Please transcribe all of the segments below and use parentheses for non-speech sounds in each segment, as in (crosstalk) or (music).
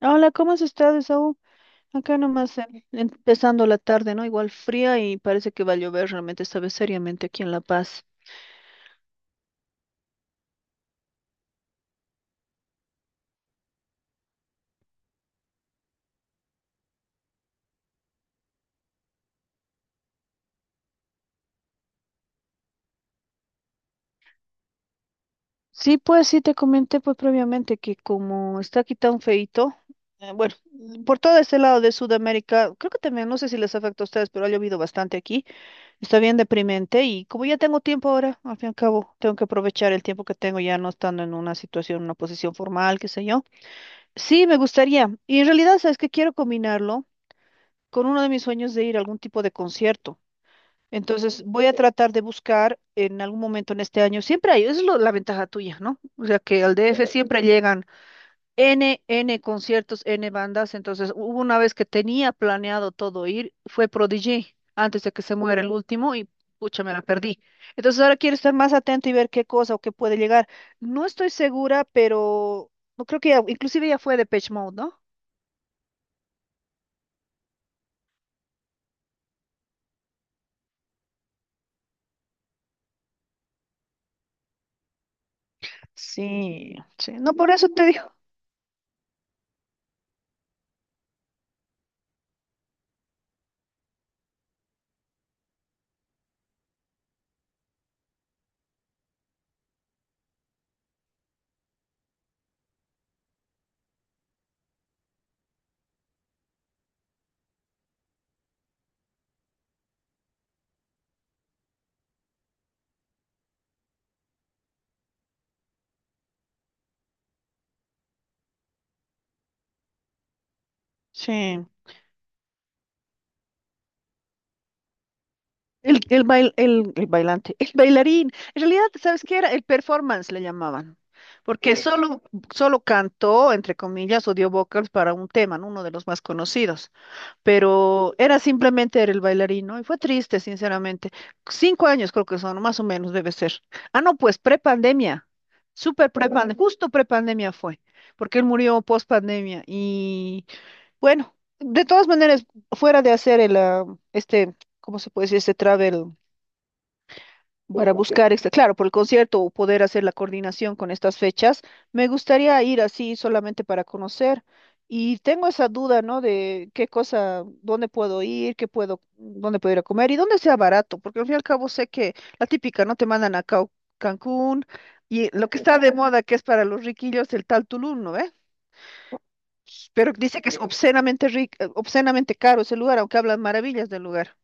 Hola, ¿cómo has estado, Saúl? Acá nomás empezando la tarde, ¿no? Igual fría y parece que va a llover realmente esta vez seriamente aquí en La Paz. Sí, pues sí, te comenté pues previamente que como está aquí tan feito, bueno, por todo este lado de Sudamérica, creo que también, no sé si les afecta a ustedes, pero ha llovido bastante aquí, está bien deprimente y como ya tengo tiempo ahora, al fin y al cabo, tengo que aprovechar el tiempo que tengo ya no estando en una situación, una posición formal, qué sé yo. Sí, me gustaría. Y en realidad, ¿sabes qué? Quiero combinarlo con uno de mis sueños de ir a algún tipo de concierto. Entonces voy a tratar de buscar en algún momento en este año. Siempre hay, es la ventaja tuya, ¿no? O sea que al DF siempre llegan N, N conciertos, N bandas. Entonces hubo una vez que tenía planeado todo ir, fue Prodigy, antes de que se muera el último y pucha, me la perdí. Entonces ahora quiero estar más atenta y ver qué cosa o qué puede llegar. No estoy segura, pero no creo que inclusive ya fue de Depeche Mode, ¿no? Sí, sí. No, por eso te digo. Sí. El bailante, el bailarín. En realidad, ¿sabes qué era? El performance le llamaban. Porque sí, solo cantó, entre comillas, o dio vocals para un tema, ¿no? Uno de los más conocidos. Pero era simplemente era el bailarín, ¿no? Y fue triste, sinceramente. 5 años creo que son, más o menos debe ser. Ah, no, pues prepandemia. Súper prepandemia. Justo prepandemia fue. Porque él murió post pandemia. Y bueno, de todas maneras, fuera de hacer el, este, ¿cómo se puede decir? Este travel. Para buscar, este, claro, por el concierto o poder hacer la coordinación con estas fechas, me gustaría ir así solamente para conocer. Y tengo esa duda, ¿no? De qué cosa, dónde puedo ir, qué puedo, dónde puedo ir a comer y dónde sea barato, porque al fin y al cabo sé que la típica, ¿no? Te mandan a Cancún y lo que está de moda, que es para los riquillos, el tal Tulum, ¿no? Pero dice que es obscenamente rico, obscenamente caro ese lugar, aunque hablan maravillas del lugar.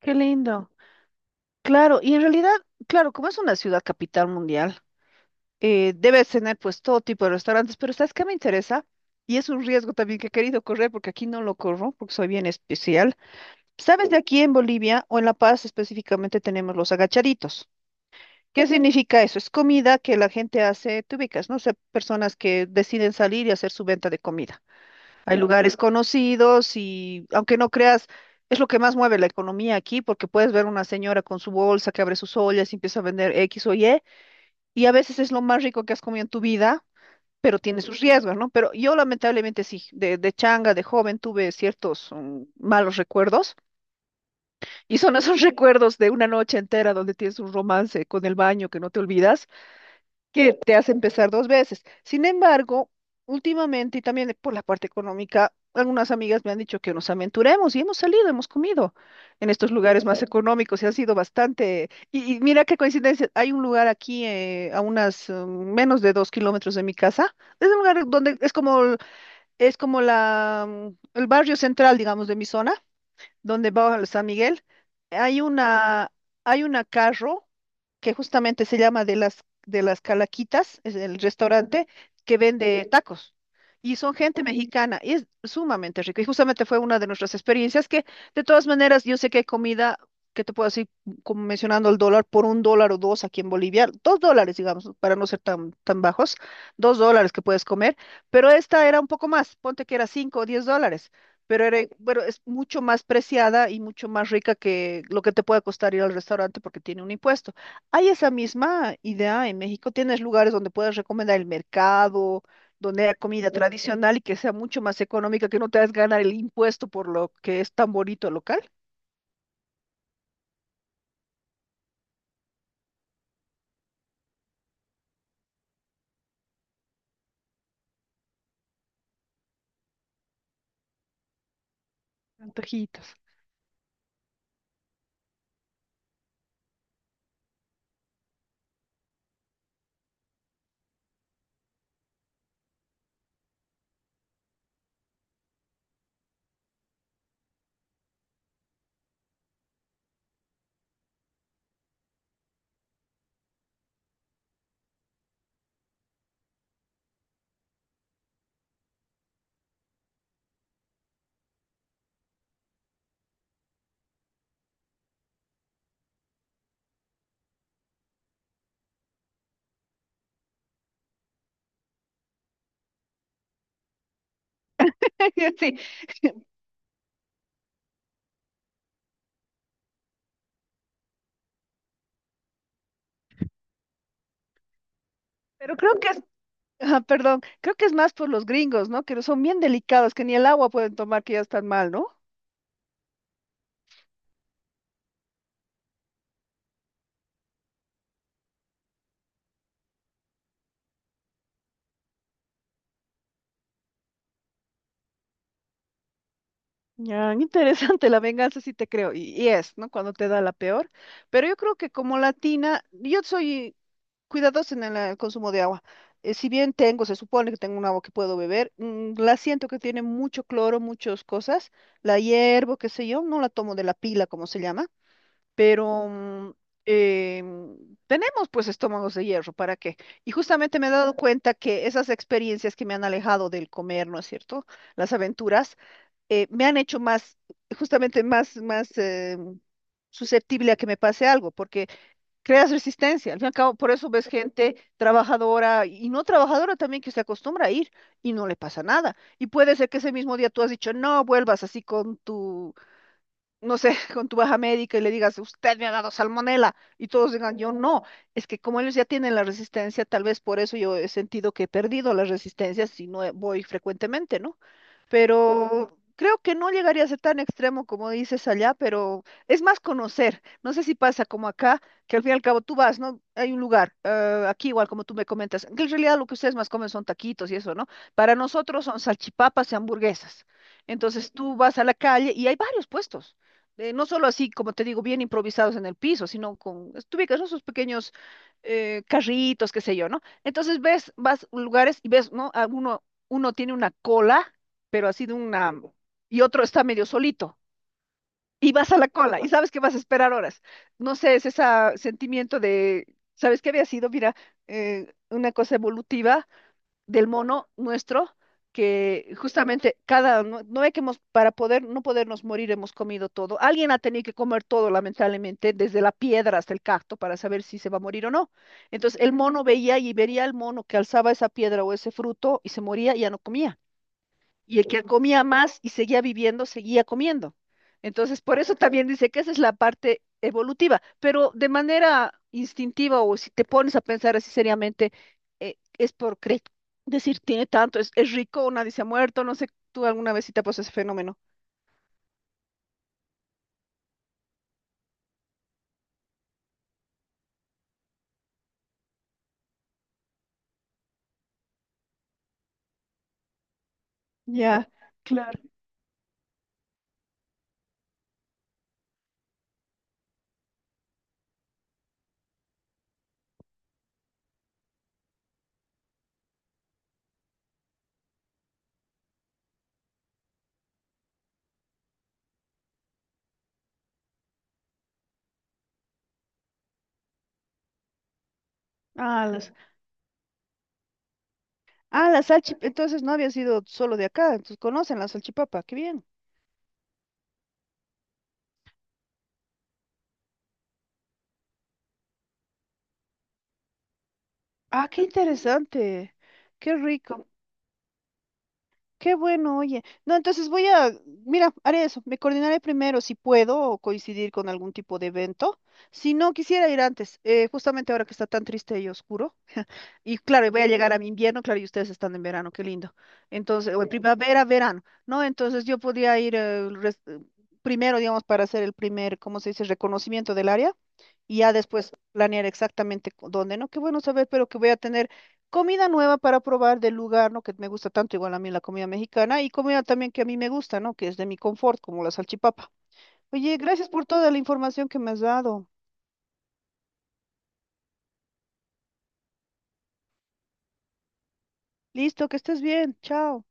Qué lindo. Claro, y en realidad, claro, como es una ciudad capital mundial, debes tener pues todo tipo de restaurantes, pero ¿sabes qué me interesa? Y es un riesgo también que he querido correr porque aquí no lo corro porque soy bien especial. Sabes, de aquí en Bolivia o en La Paz específicamente tenemos los agachaditos. ¿Qué significa eso? Es comida que la gente hace, te ubicas, ¿no? O sea, personas que deciden salir y hacer su venta de comida. Hay lugares conocidos y aunque no creas, es lo que más mueve la economía aquí porque puedes ver una señora con su bolsa que abre sus ollas y empieza a vender X o Y y a veces es lo más rico que has comido en tu vida, pero tiene sus riesgos, ¿no? Pero yo lamentablemente sí, de changa, de joven, tuve ciertos malos recuerdos y son esos (laughs) recuerdos de una noche entera donde tienes un romance con el baño que no te olvidas, que te hace empezar dos veces. Sin embargo, últimamente y también por la parte económica, algunas amigas me han dicho que nos aventuremos y hemos salido, hemos comido en estos lugares más económicos y ha sido bastante. Y mira qué coincidencia, hay un lugar aquí a unas menos de 2 kilómetros de mi casa. Es un lugar donde es como, es como la, el barrio central, digamos, de mi zona donde va a San Miguel, hay una, hay una carro que justamente se llama de las Calaquitas, es el restaurante que vende tacos. Y son gente mexicana, y es sumamente rico. Y justamente fue una de nuestras experiencias que, de todas maneras, yo sé que hay comida que te puedo decir, como mencionando el dólar, por un dólar o dos aquí en Bolivia, dos dólares, digamos, para no ser tan, tan bajos, $2 que puedes comer, pero esta era un poco más, ponte que era $5 o $10, pero era, bueno, es mucho más preciada y mucho más rica que lo que te puede costar ir al restaurante porque tiene un impuesto. Hay esa misma idea en México, tienes lugares donde puedes recomendar el mercado, donde hay comida Ujú. Tradicional y que sea mucho más económica, que no te hagas ganar el impuesto por lo que es tan bonito el local. Antojitos. (laughs) Sí, pero creo que es, ajá, perdón, creo que es más por los gringos, ¿no? Que son bien delicados, que ni el agua pueden tomar, que ya están mal, ¿no? Ya, interesante, la venganza sí te creo, y es, ¿no? Cuando te da la peor. Pero yo creo que como latina, yo soy cuidadosa en el, consumo de agua. Si bien tengo, se supone que tengo un agua que puedo beber, mm, la siento que tiene mucho cloro, muchas cosas. La hiervo, qué sé yo, no la tomo de la pila, como se llama, pero eh, tenemos pues estómagos de hierro, ¿para qué? Y justamente me he dado cuenta que esas experiencias que me han alejado del comer, ¿no es cierto? Las aventuras me han hecho más, justamente más, más susceptible a que me pase algo, porque creas resistencia. Al fin y al cabo, por eso ves gente trabajadora y no trabajadora también que se acostumbra a ir y no le pasa nada. Y puede ser que ese mismo día tú has dicho, no vuelvas así con tu no sé, (laughs) con tu baja médica y le digas, usted me ha dado salmonela, y todos digan, yo no. Es que como ellos ya tienen la resistencia, tal vez por eso yo he sentido que he perdido la resistencia si no voy frecuentemente, ¿no? Pero creo que no llegaría a ser tan extremo como dices allá, pero es más conocer. No sé si pasa como acá, que al fin y al cabo tú vas, ¿no? Hay un lugar, aquí igual como tú me comentas, que en realidad lo que ustedes más comen son taquitos y eso, ¿no? Para nosotros son salchipapas y hamburguesas. Entonces tú vas a la calle y hay varios puestos no solo así, como te digo, bien improvisados en el piso, sino con, tú ubicas, ¿no? Esos pequeños carritos, qué sé yo, ¿no? Entonces ves, vas a lugares y ves, ¿no? A uno, uno tiene una cola, pero así de una, y otro está medio solito, y vas a la cola, y sabes que vas a esperar horas. No sé, es ese sentimiento de, ¿sabes qué había sido? Mira, una cosa evolutiva del mono nuestro, que justamente cada, no, no ve que hemos, para poder, no podernos morir, hemos comido todo. Alguien ha tenido que comer todo, lamentablemente, desde la piedra hasta el cacto, para saber si se va a morir o no. Entonces, el mono veía y vería al mono que alzaba esa piedra o ese fruto y se moría y ya no comía, y el que comía más y seguía viviendo, seguía comiendo. Entonces, por eso también dice que esa es la parte evolutiva, pero de manera instintiva o si te pones a pensar así seriamente, es por decir, tiene tanto, es rico, nadie se ha muerto, no sé, tú alguna vez sí te pasó ese fenómeno. Ya, claro. Ah, las, ah, las entonces no había sido solo de acá, entonces conocen la salchipapa, qué bien. Ah, qué interesante, qué rico. Qué bueno, oye. No, entonces voy a, mira, haré eso. Me coordinaré primero si puedo o coincidir con algún tipo de evento. Si no, quisiera ir antes, justamente ahora que está tan triste y oscuro. Y claro, y voy a llegar a mi invierno, claro, y ustedes están en verano, qué lindo. Entonces, o en primavera, verano, ¿no? Entonces yo podía ir primero, digamos, para hacer el primer, ¿cómo se dice?, reconocimiento del área y ya después planear exactamente dónde, ¿no? Qué bueno saber, pero que voy a tener comida nueva para probar del lugar, ¿no? Que me gusta tanto, igual a mí la comida mexicana y comida también que a mí me gusta, ¿no? Que es de mi confort, como la salchipapa. Oye, gracias por toda la información que me has dado. Listo, que estés bien. Chao.